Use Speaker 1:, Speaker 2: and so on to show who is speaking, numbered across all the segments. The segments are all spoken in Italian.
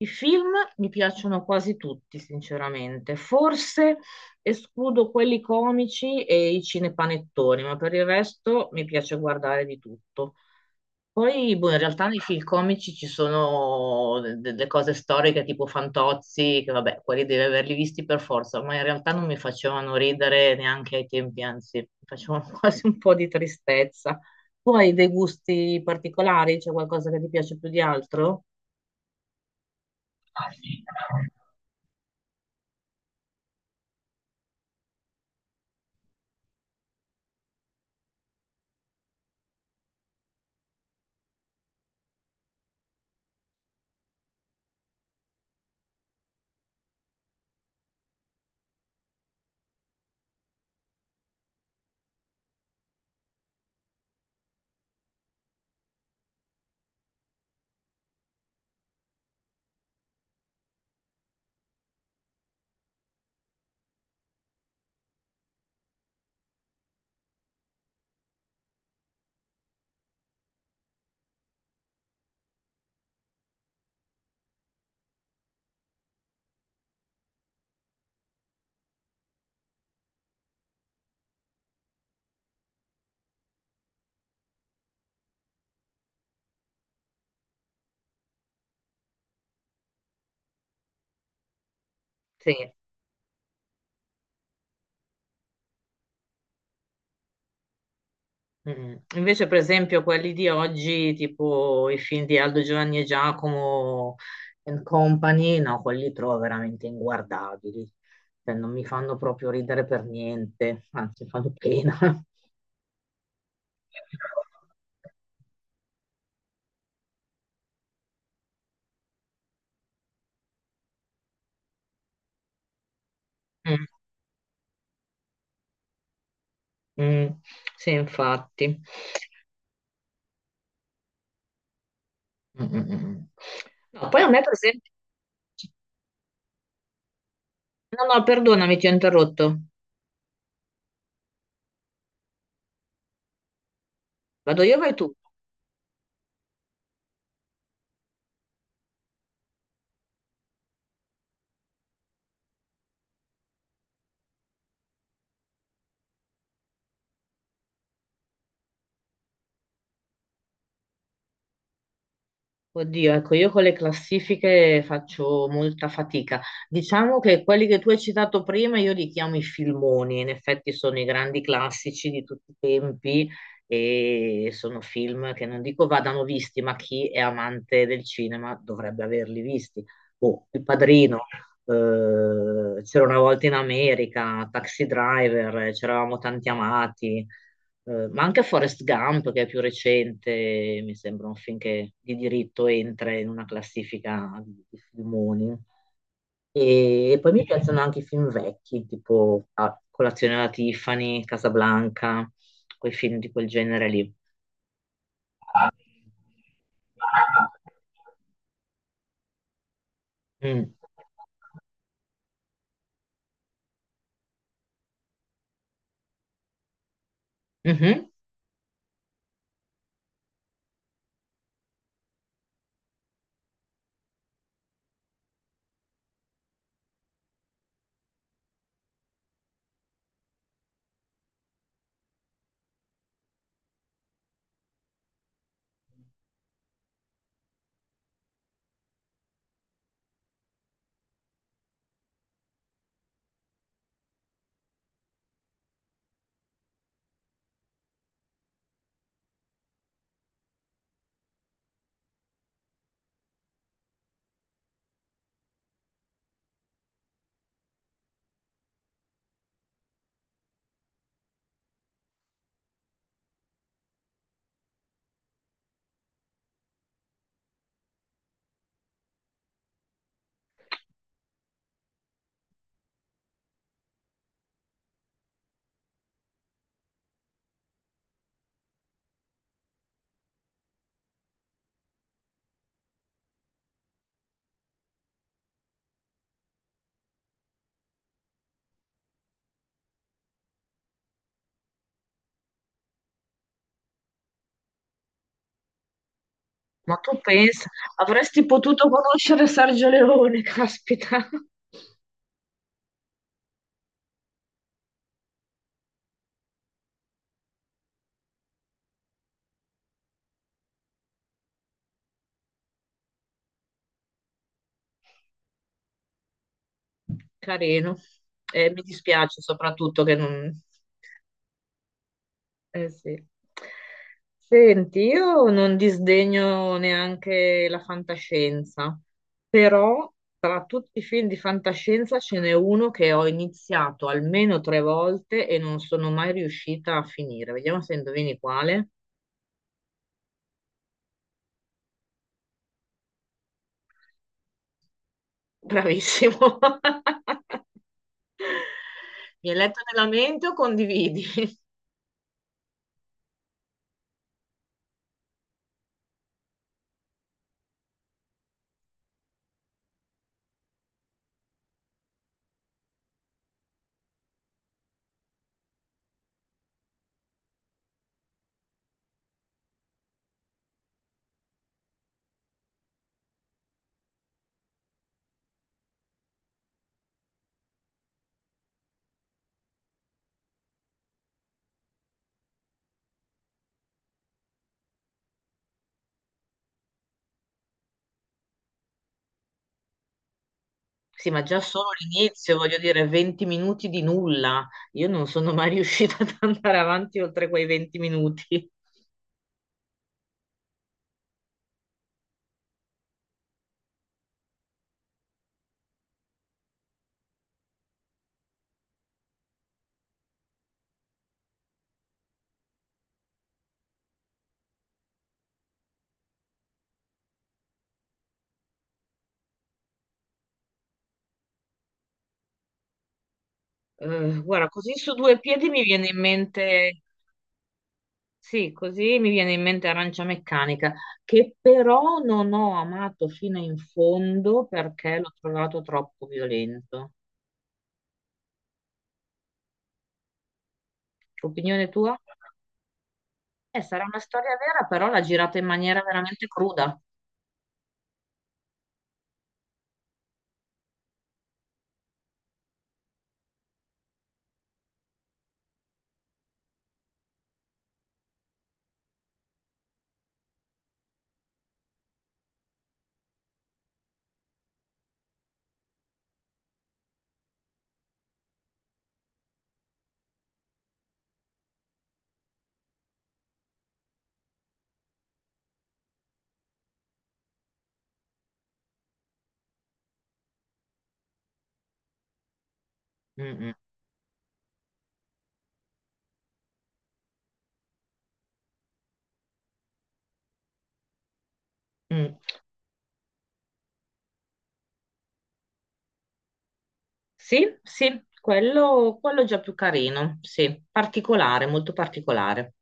Speaker 1: I film mi piacciono quasi tutti, sinceramente. Forse escludo quelli comici e i cinepanettoni, ma per il resto mi piace guardare di tutto. Poi, boh, in realtà nei film comici ci sono delle cose storiche tipo Fantozzi, che vabbè, quelli devi averli visti per forza, ma in realtà non mi facevano ridere neanche ai tempi, anzi, mi facevano quasi un po' di tristezza. Tu hai dei gusti particolari? C'è qualcosa che ti piace più di altro? Sì. Mm. Invece, per esempio, quelli di oggi, tipo i film di Aldo Giovanni e Giacomo and Company, no, quelli li trovo veramente inguardabili. Cioè, non mi fanno proprio ridere per niente, anzi, fanno pena. Mm, mm, sì, infatti. Mm, mm, mm. Mm. No, poi a me, per esempio, no, no, perdonami, ti ho interrotto. Vado io, o vai tu. Oddio, ecco, io con le classifiche faccio molta fatica. Diciamo che quelli che tu hai citato prima io li chiamo i filmoni, in effetti sono i grandi classici di tutti i tempi e sono film che non dico vadano visti, ma chi è amante del cinema dovrebbe averli visti. Boh, Il Padrino, c'era una volta in America, Taxi Driver, c'eravamo tanti amati. Ma anche Forrest Gump, che è più recente, mi sembra un film che di diritto entra in una classifica di filmoni. E poi mi piacciono anche i film vecchi, tipo ah, Colazione alla Tiffany, Casablanca, quei film di quel genere lì. Mm. Mhm. Ma tu pensa, avresti potuto conoscere Sergio Leone, caspita. Carino. E mi dispiace soprattutto che non... Eh sì. Senti, io non disdegno neanche la fantascienza, però tra tutti i film di fantascienza ce n'è uno che ho iniziato almeno tre volte e non sono mai riuscita a finire. Vediamo se indovini quale. Bravissimo. Mi hai letto nella mente o condividi? Sì, ma già solo l'inizio, voglio dire, 20 minuti di nulla. Io non sono mai riuscita ad andare avanti oltre quei 20 minuti. Guarda, così su due piedi mi viene in mente, sì, così mi viene in mente Arancia Meccanica, che però non ho amato fino in fondo perché l'ho trovato troppo violento. Opinione tua? Sarà una storia vera, però l'ha girata in maniera veramente cruda. Mm, mm, mm. Sì, sì, quello è già più carino, sì, particolare, molto particolare.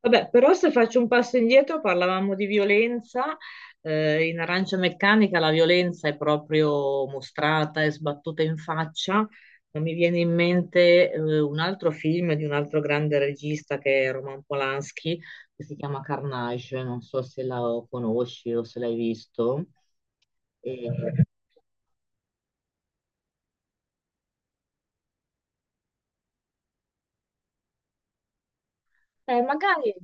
Speaker 1: Vabbè, però se faccio un passo indietro, parlavamo di violenza. In Arancia Meccanica la violenza è proprio mostrata e sbattuta in faccia. Ma mi viene in mente un altro film di un altro grande regista che è Roman Polanski, che si chiama Carnage. Non so se la conosci o se l'hai visto. Eh, magari,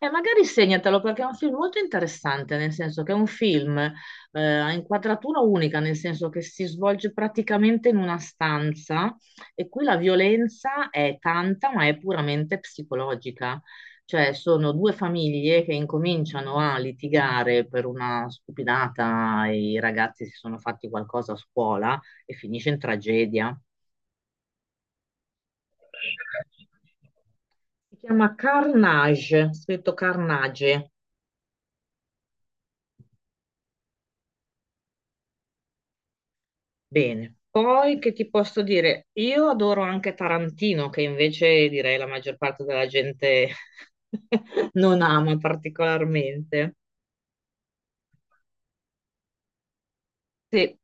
Speaker 1: magari segnatelo perché è un film molto interessante, nel senso che è un film a inquadratura unica, nel senso che si svolge praticamente in una stanza e qui la violenza è tanta, ma è puramente psicologica. Cioè, sono due famiglie che incominciano a litigare per una stupidata, i ragazzi si sono fatti qualcosa a scuola e finisce in tragedia. Si chiama Carnage, scritto Carnage. Bene. Poi che ti posso dire? Io adoro anche Tarantino, che invece direi la maggior parte della gente non ama particolarmente. Sì.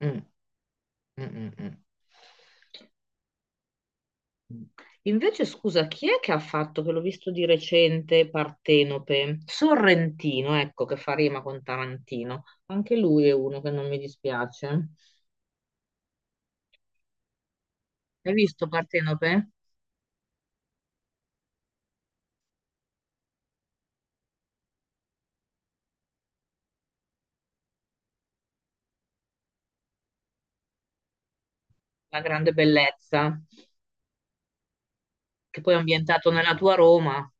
Speaker 1: Mm, mm, mm, mm. Mm. Invece, scusa, chi è che ha fatto, che l'ho visto di recente, Partenope? Sorrentino, ecco, che fa rima con Tarantino. Anche lui è uno che non mi dispiace. Hai visto Partenope? La grande bellezza, che poi è ambientato nella tua Roma,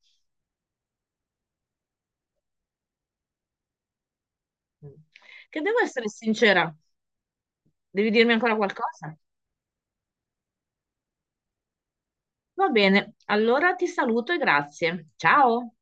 Speaker 1: che devo essere sincera, devi dirmi ancora qualcosa? Va bene, allora ti saluto e grazie. Ciao.